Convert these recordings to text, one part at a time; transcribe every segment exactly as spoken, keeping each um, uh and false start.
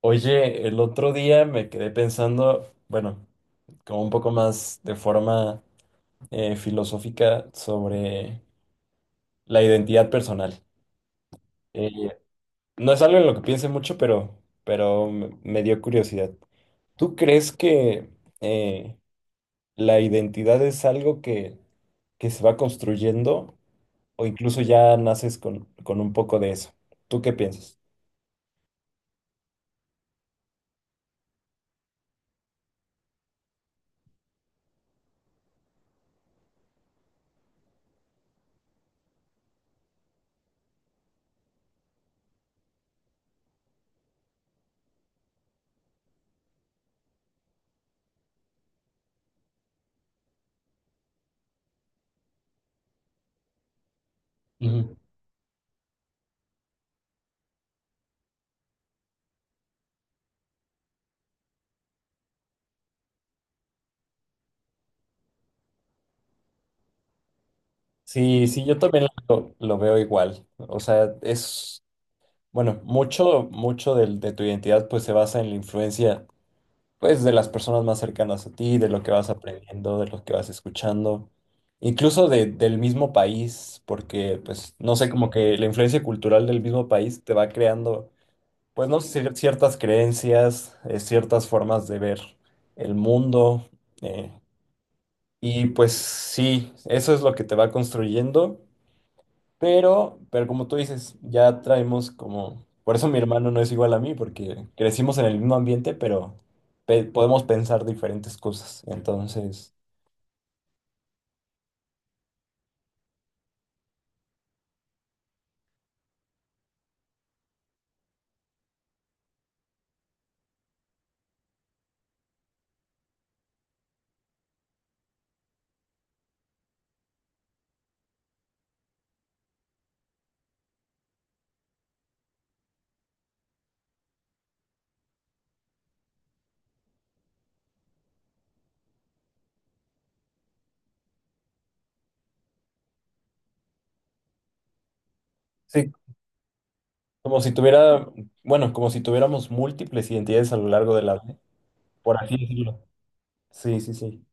Oye, el otro día me quedé pensando, bueno, como un poco más de forma eh, filosófica sobre la identidad personal. Eh, no es algo en lo que piense mucho, pero, pero me me dio curiosidad. ¿Tú crees que eh, la identidad es algo que, que se va construyendo o incluso ya naces con, con un poco de eso? ¿Tú qué piensas? Ujú. Sí, sí, yo también lo, lo veo igual. O sea, es... Bueno, mucho, mucho del- de, tu identidad pues se basa en la influencia pues de las personas más cercanas a ti, de lo que vas aprendiendo, de lo que vas escuchando, incluso de, del mismo país, porque pues no sé, como que la influencia cultural del mismo país te va creando, pues no sé, ciertas creencias, eh, ciertas formas de ver el mundo, eh, y pues sí, eso es lo que te va construyendo. Pero, pero como tú dices, ya traemos como... Por eso mi hermano no es igual a mí, porque crecimos en el mismo ambiente, pero pe- podemos pensar diferentes cosas. Entonces, sí, como si tuviera, bueno, como si tuviéramos múltiples identidades a lo largo de la vida, por así decirlo. Sí, sí, sí.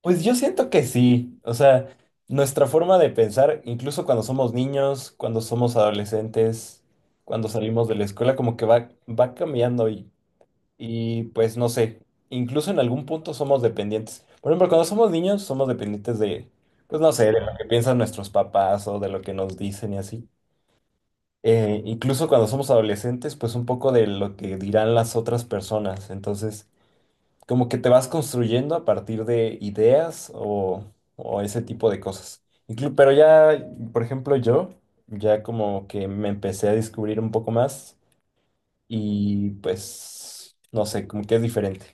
Pues yo siento que sí. O sea, nuestra forma de pensar, incluso cuando somos niños, cuando somos adolescentes, cuando salimos de la escuela, como que va, va cambiando. Y pues no sé, incluso en algún punto somos dependientes. Por ejemplo, cuando somos niños somos dependientes de, pues no sé, de lo que piensan nuestros papás o de lo que nos dicen y así. Eh, incluso cuando somos adolescentes, pues un poco de lo que dirán las otras personas. Entonces, como que te vas construyendo a partir de ideas o, o ese tipo de cosas. Inclu- pero ya, por ejemplo, yo ya como que me empecé a descubrir un poco más y pues, no sé, como que es diferente.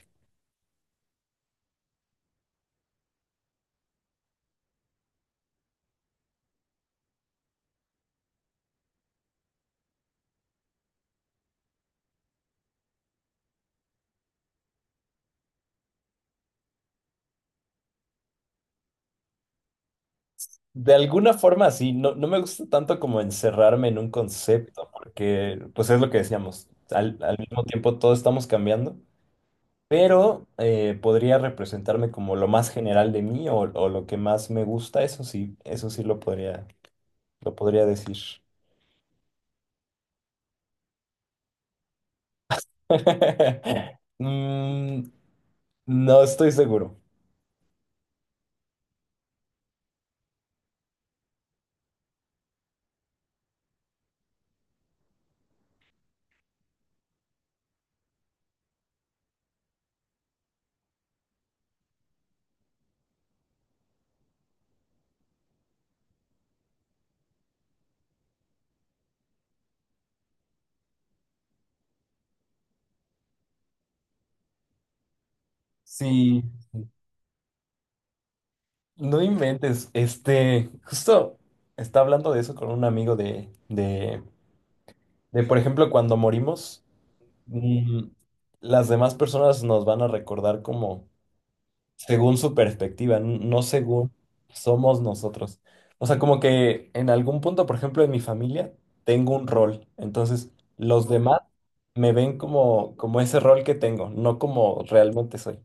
De alguna forma sí, no, no me gusta tanto como encerrarme en un concepto, porque pues es lo que decíamos, al, al mismo tiempo todos estamos cambiando, pero eh, podría representarme como lo más general de mí o, o lo que más me gusta, eso sí, eso sí lo podría, lo podría decir. Mm, no estoy seguro. Sí, no inventes, este, justo estaba hablando de eso con un amigo de, de, de, por ejemplo, cuando morimos. Mm, las demás personas nos van a recordar como según su perspectiva, n- no según somos nosotros. O sea, como que en algún punto, por ejemplo, en mi familia, tengo un rol. Entonces, los demás me ven como, como ese rol que tengo, no como realmente soy.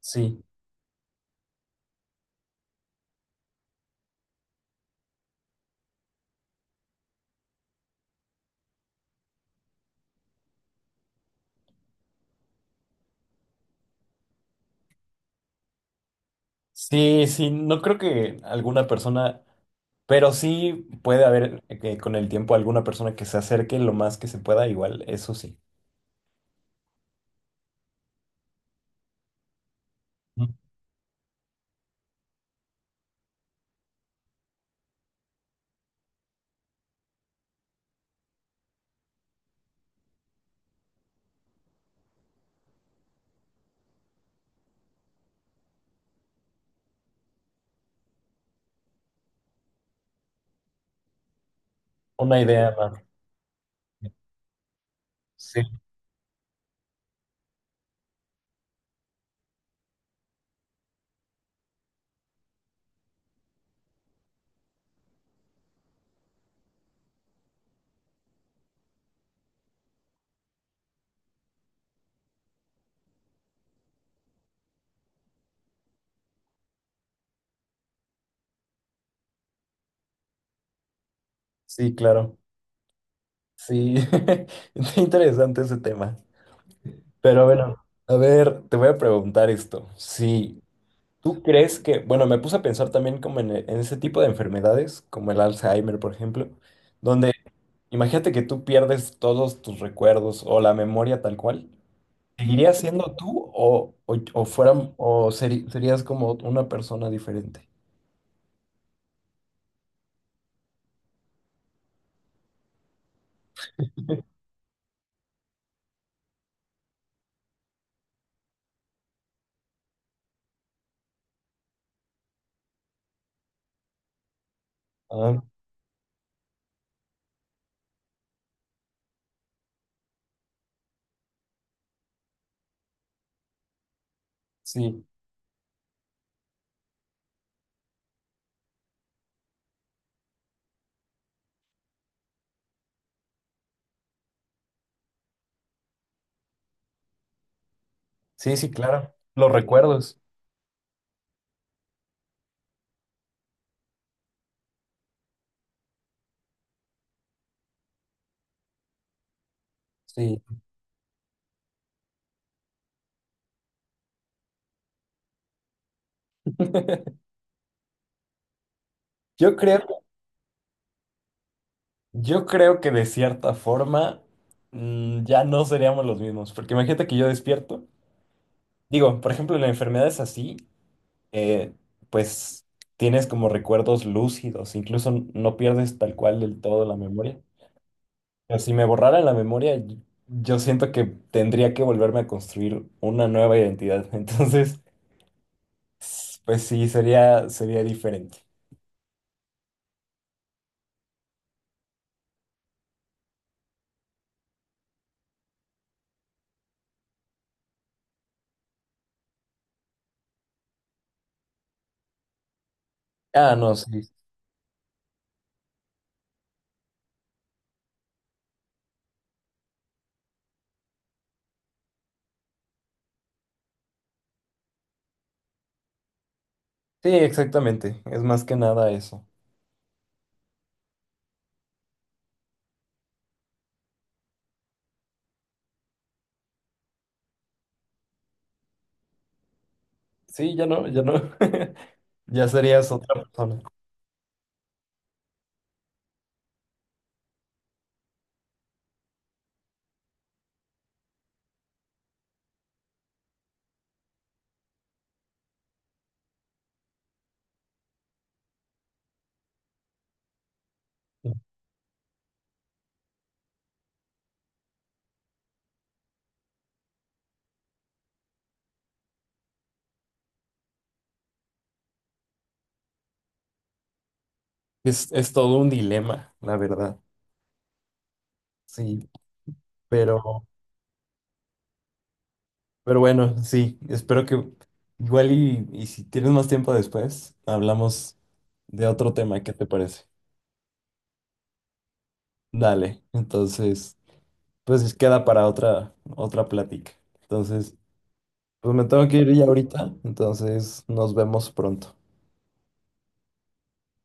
Sí, sí, sí, no creo que alguna persona... Pero sí puede haber, eh, con el tiempo, alguna persona que se acerque lo más que se pueda, igual, eso sí. Una idea más. Sí. Sí, claro. Sí, está interesante ese tema. Pero bueno, a ver, te voy a preguntar esto. Si tú crees que, bueno, me puse a pensar también como en, e- en ese tipo de enfermedades, como el Alzheimer, por ejemplo, donde imagínate que tú pierdes todos tus recuerdos o la memoria tal cual. ¿Seguirías siendo tú o, o, o fueran- o seri- serías como una persona diferente? Ah, sí, sí, sí, claro. Los recuerdos. Sí. Yo creo. Yo creo que de cierta forma, mm, ya no seríamos los mismos, porque imagínate que yo despierto, digo, por ejemplo, en la enfermedad es así, eh, pues tienes como recuerdos lúcidos, incluso no pierdes tal cual del todo la memoria. Pero si me borrara la memoria, y- yo siento que tendría que volverme a construir una nueva identidad, entonces, s- pues sí, sería, sería diferente. Ah, no, sí, sí, exactamente, es más que nada eso. Sí, ya no, ya no. Ya serías otra persona. Es, es todo un dilema, la verdad. Sí, pero, pero bueno, sí, espero que igual y, y si tienes más tiempo después, hablamos de otro tema, ¿qué te parece? Dale, entonces, pues queda para otra, otra plática. Entonces, pues me tengo que ir ya ahorita, entonces nos vemos pronto.